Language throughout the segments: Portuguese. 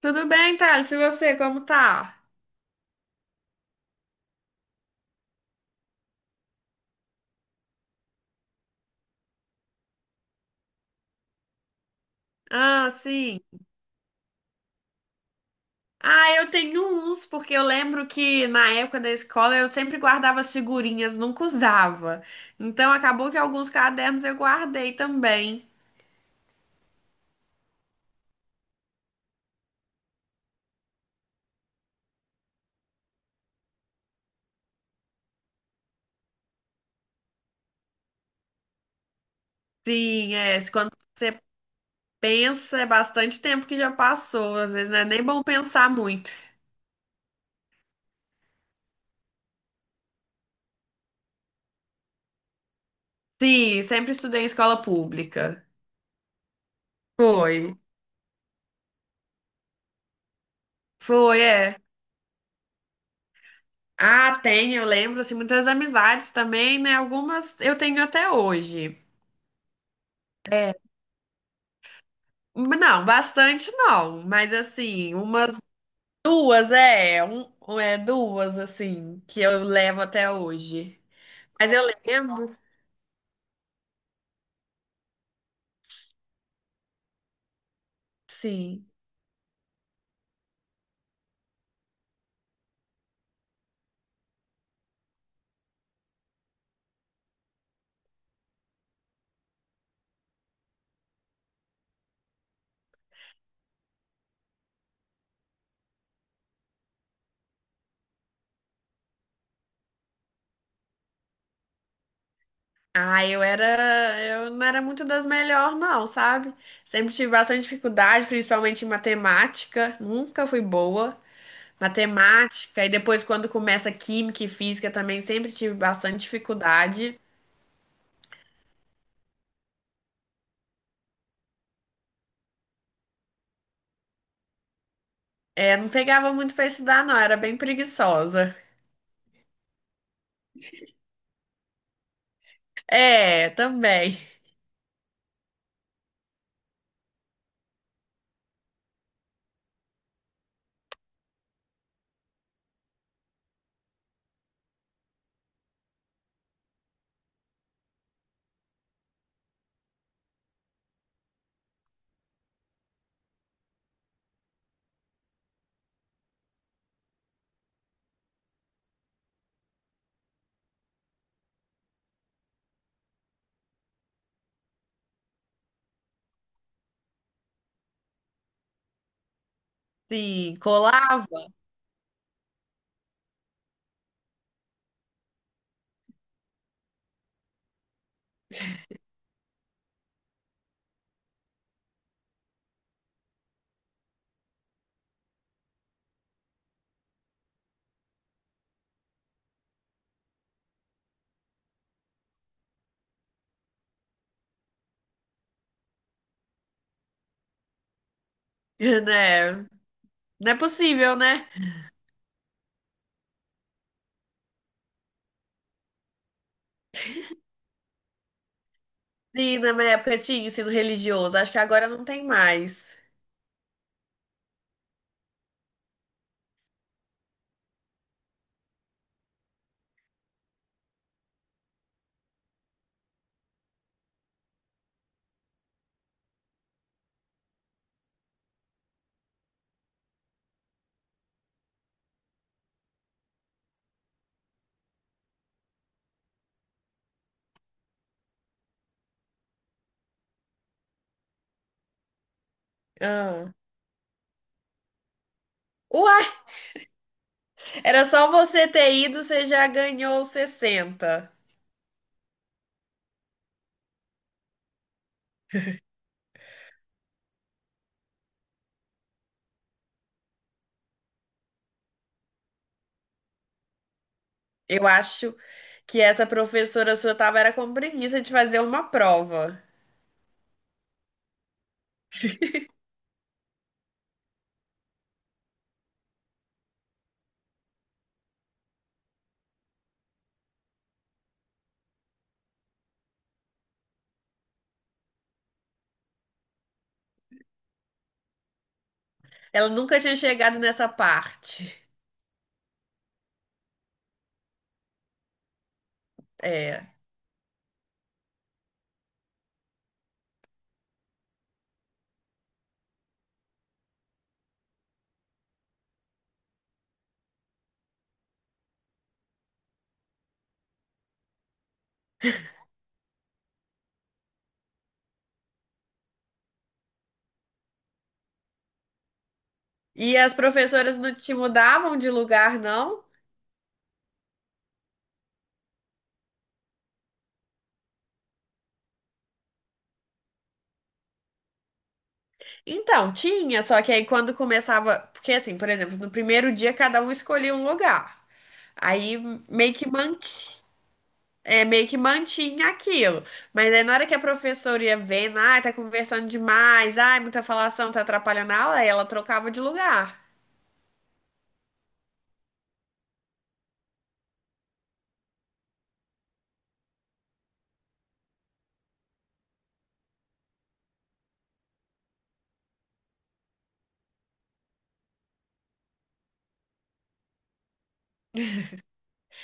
Tudo bem, Thales? E você, como tá? Ah, sim. Ah, eu tenho uns, porque eu lembro que na época da escola eu sempre guardava as figurinhas, nunca usava. Então acabou que alguns cadernos eu guardei também. Sim, é. Se Quando você pensa, é bastante tempo que já passou. Às vezes não é nem bom pensar muito. Sim, sempre estudei em escola pública. Foi. Foi, é. Ah, tem, eu lembro, assim, muitas amizades também, né? Algumas eu tenho até hoje. Não, bastante não, mas assim, umas duas, é, duas, assim, que eu levo até hoje. Mas eu lembro, sim. Ah, eu não era muito das melhores, não, sabe? Sempre tive bastante dificuldade, principalmente em matemática, nunca fui boa. Matemática, e depois quando começa química e física também sempre tive bastante dificuldade. É, não pegava muito pra estudar, não, era bem preguiçosa. É, também. Sim, colava, né? Não é possível, né? Sim, na minha época tinha ensino religioso. Acho que agora não tem mais. Ah. Uai, era só você ter ido, você já ganhou sessenta. Eu acho que essa professora sua tava era com preguiça de fazer uma prova. Ela nunca tinha chegado nessa parte. É. E as professoras não te mudavam de lugar, não? Então, tinha, só que aí quando começava. Porque, assim, por exemplo, no primeiro dia cada um escolhia um lugar. Aí meio que manti- é, meio que mantinha aquilo. Mas aí na hora que a professora ia vendo, ah, tá conversando demais, ai, muita falação, tá atrapalhando a aula, aí ela trocava de lugar.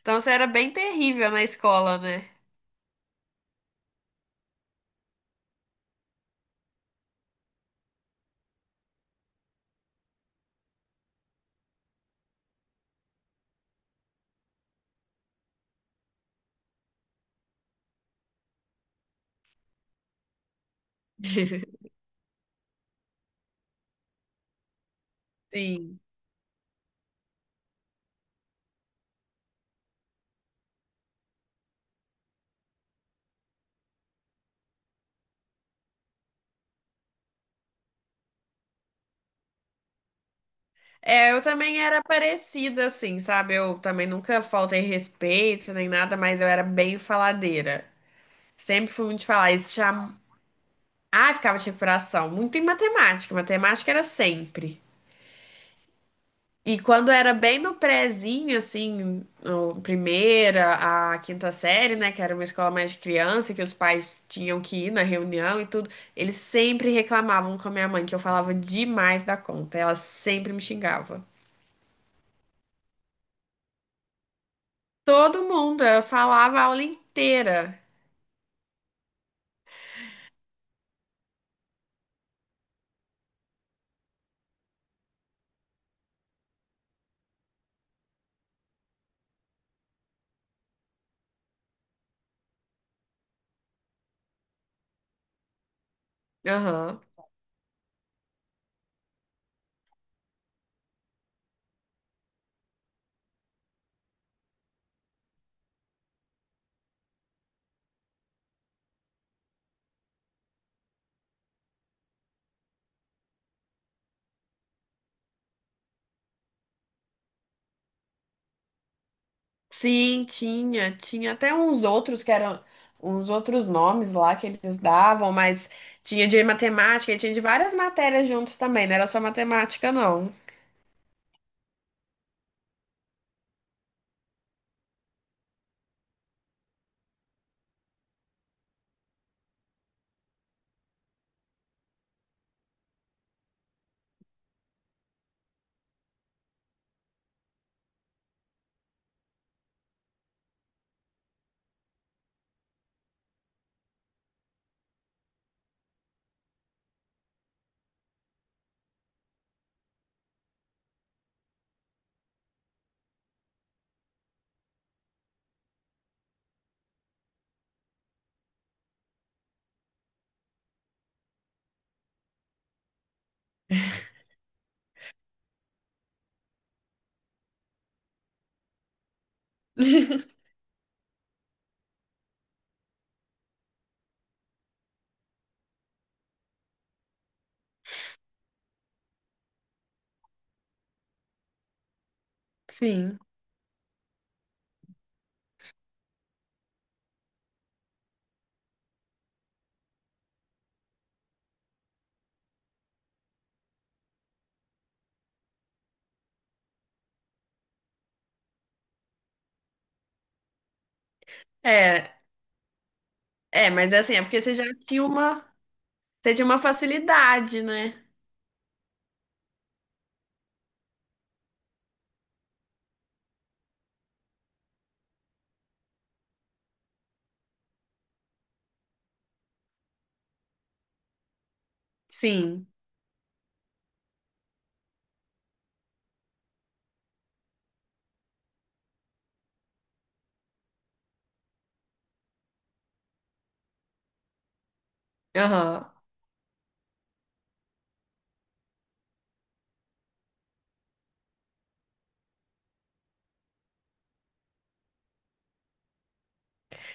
Então isso era bem terrível na escola, né? Sim. É, eu também era parecida, assim, sabe? Eu também nunca faltei respeito nem nada, mas eu era bem faladeira. Sempre fui muito falar. Isso. Ah, ficava de recuperação. Muito em matemática. Matemática era sempre. E quando era bem no prézinho, assim, no primeira, a quinta série, né, que era uma escola mais de criança, que os pais tinham que ir na reunião e tudo, eles sempre reclamavam com a minha mãe que eu falava demais da conta. Ela sempre me xingava. Todo mundo, eu falava a aula inteira. Aham. Sim, tinha. Tinha até uns outros que eram uns outros nomes lá que eles davam, mas tinha de matemática e tinha de várias matérias juntos também, não era só matemática, não. Sim. É, mas é assim, é porque você tinha uma facilidade, né? Sim. Aham.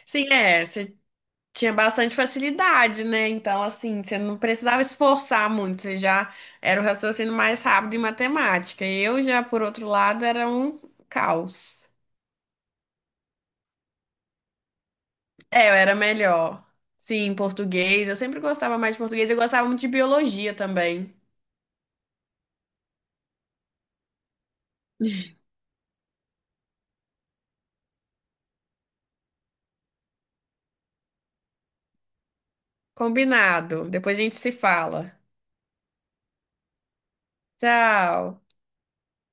Sim, é. Você tinha bastante facilidade, né? Então, assim, você não precisava esforçar muito, você já era o raciocínio mais rápido em matemática. Eu já, por outro lado, era um caos. É, eu era melhor. Sim, português. Eu sempre gostava mais de português. Eu gostava muito de biologia também. Combinado. Depois a gente se fala. Tchau.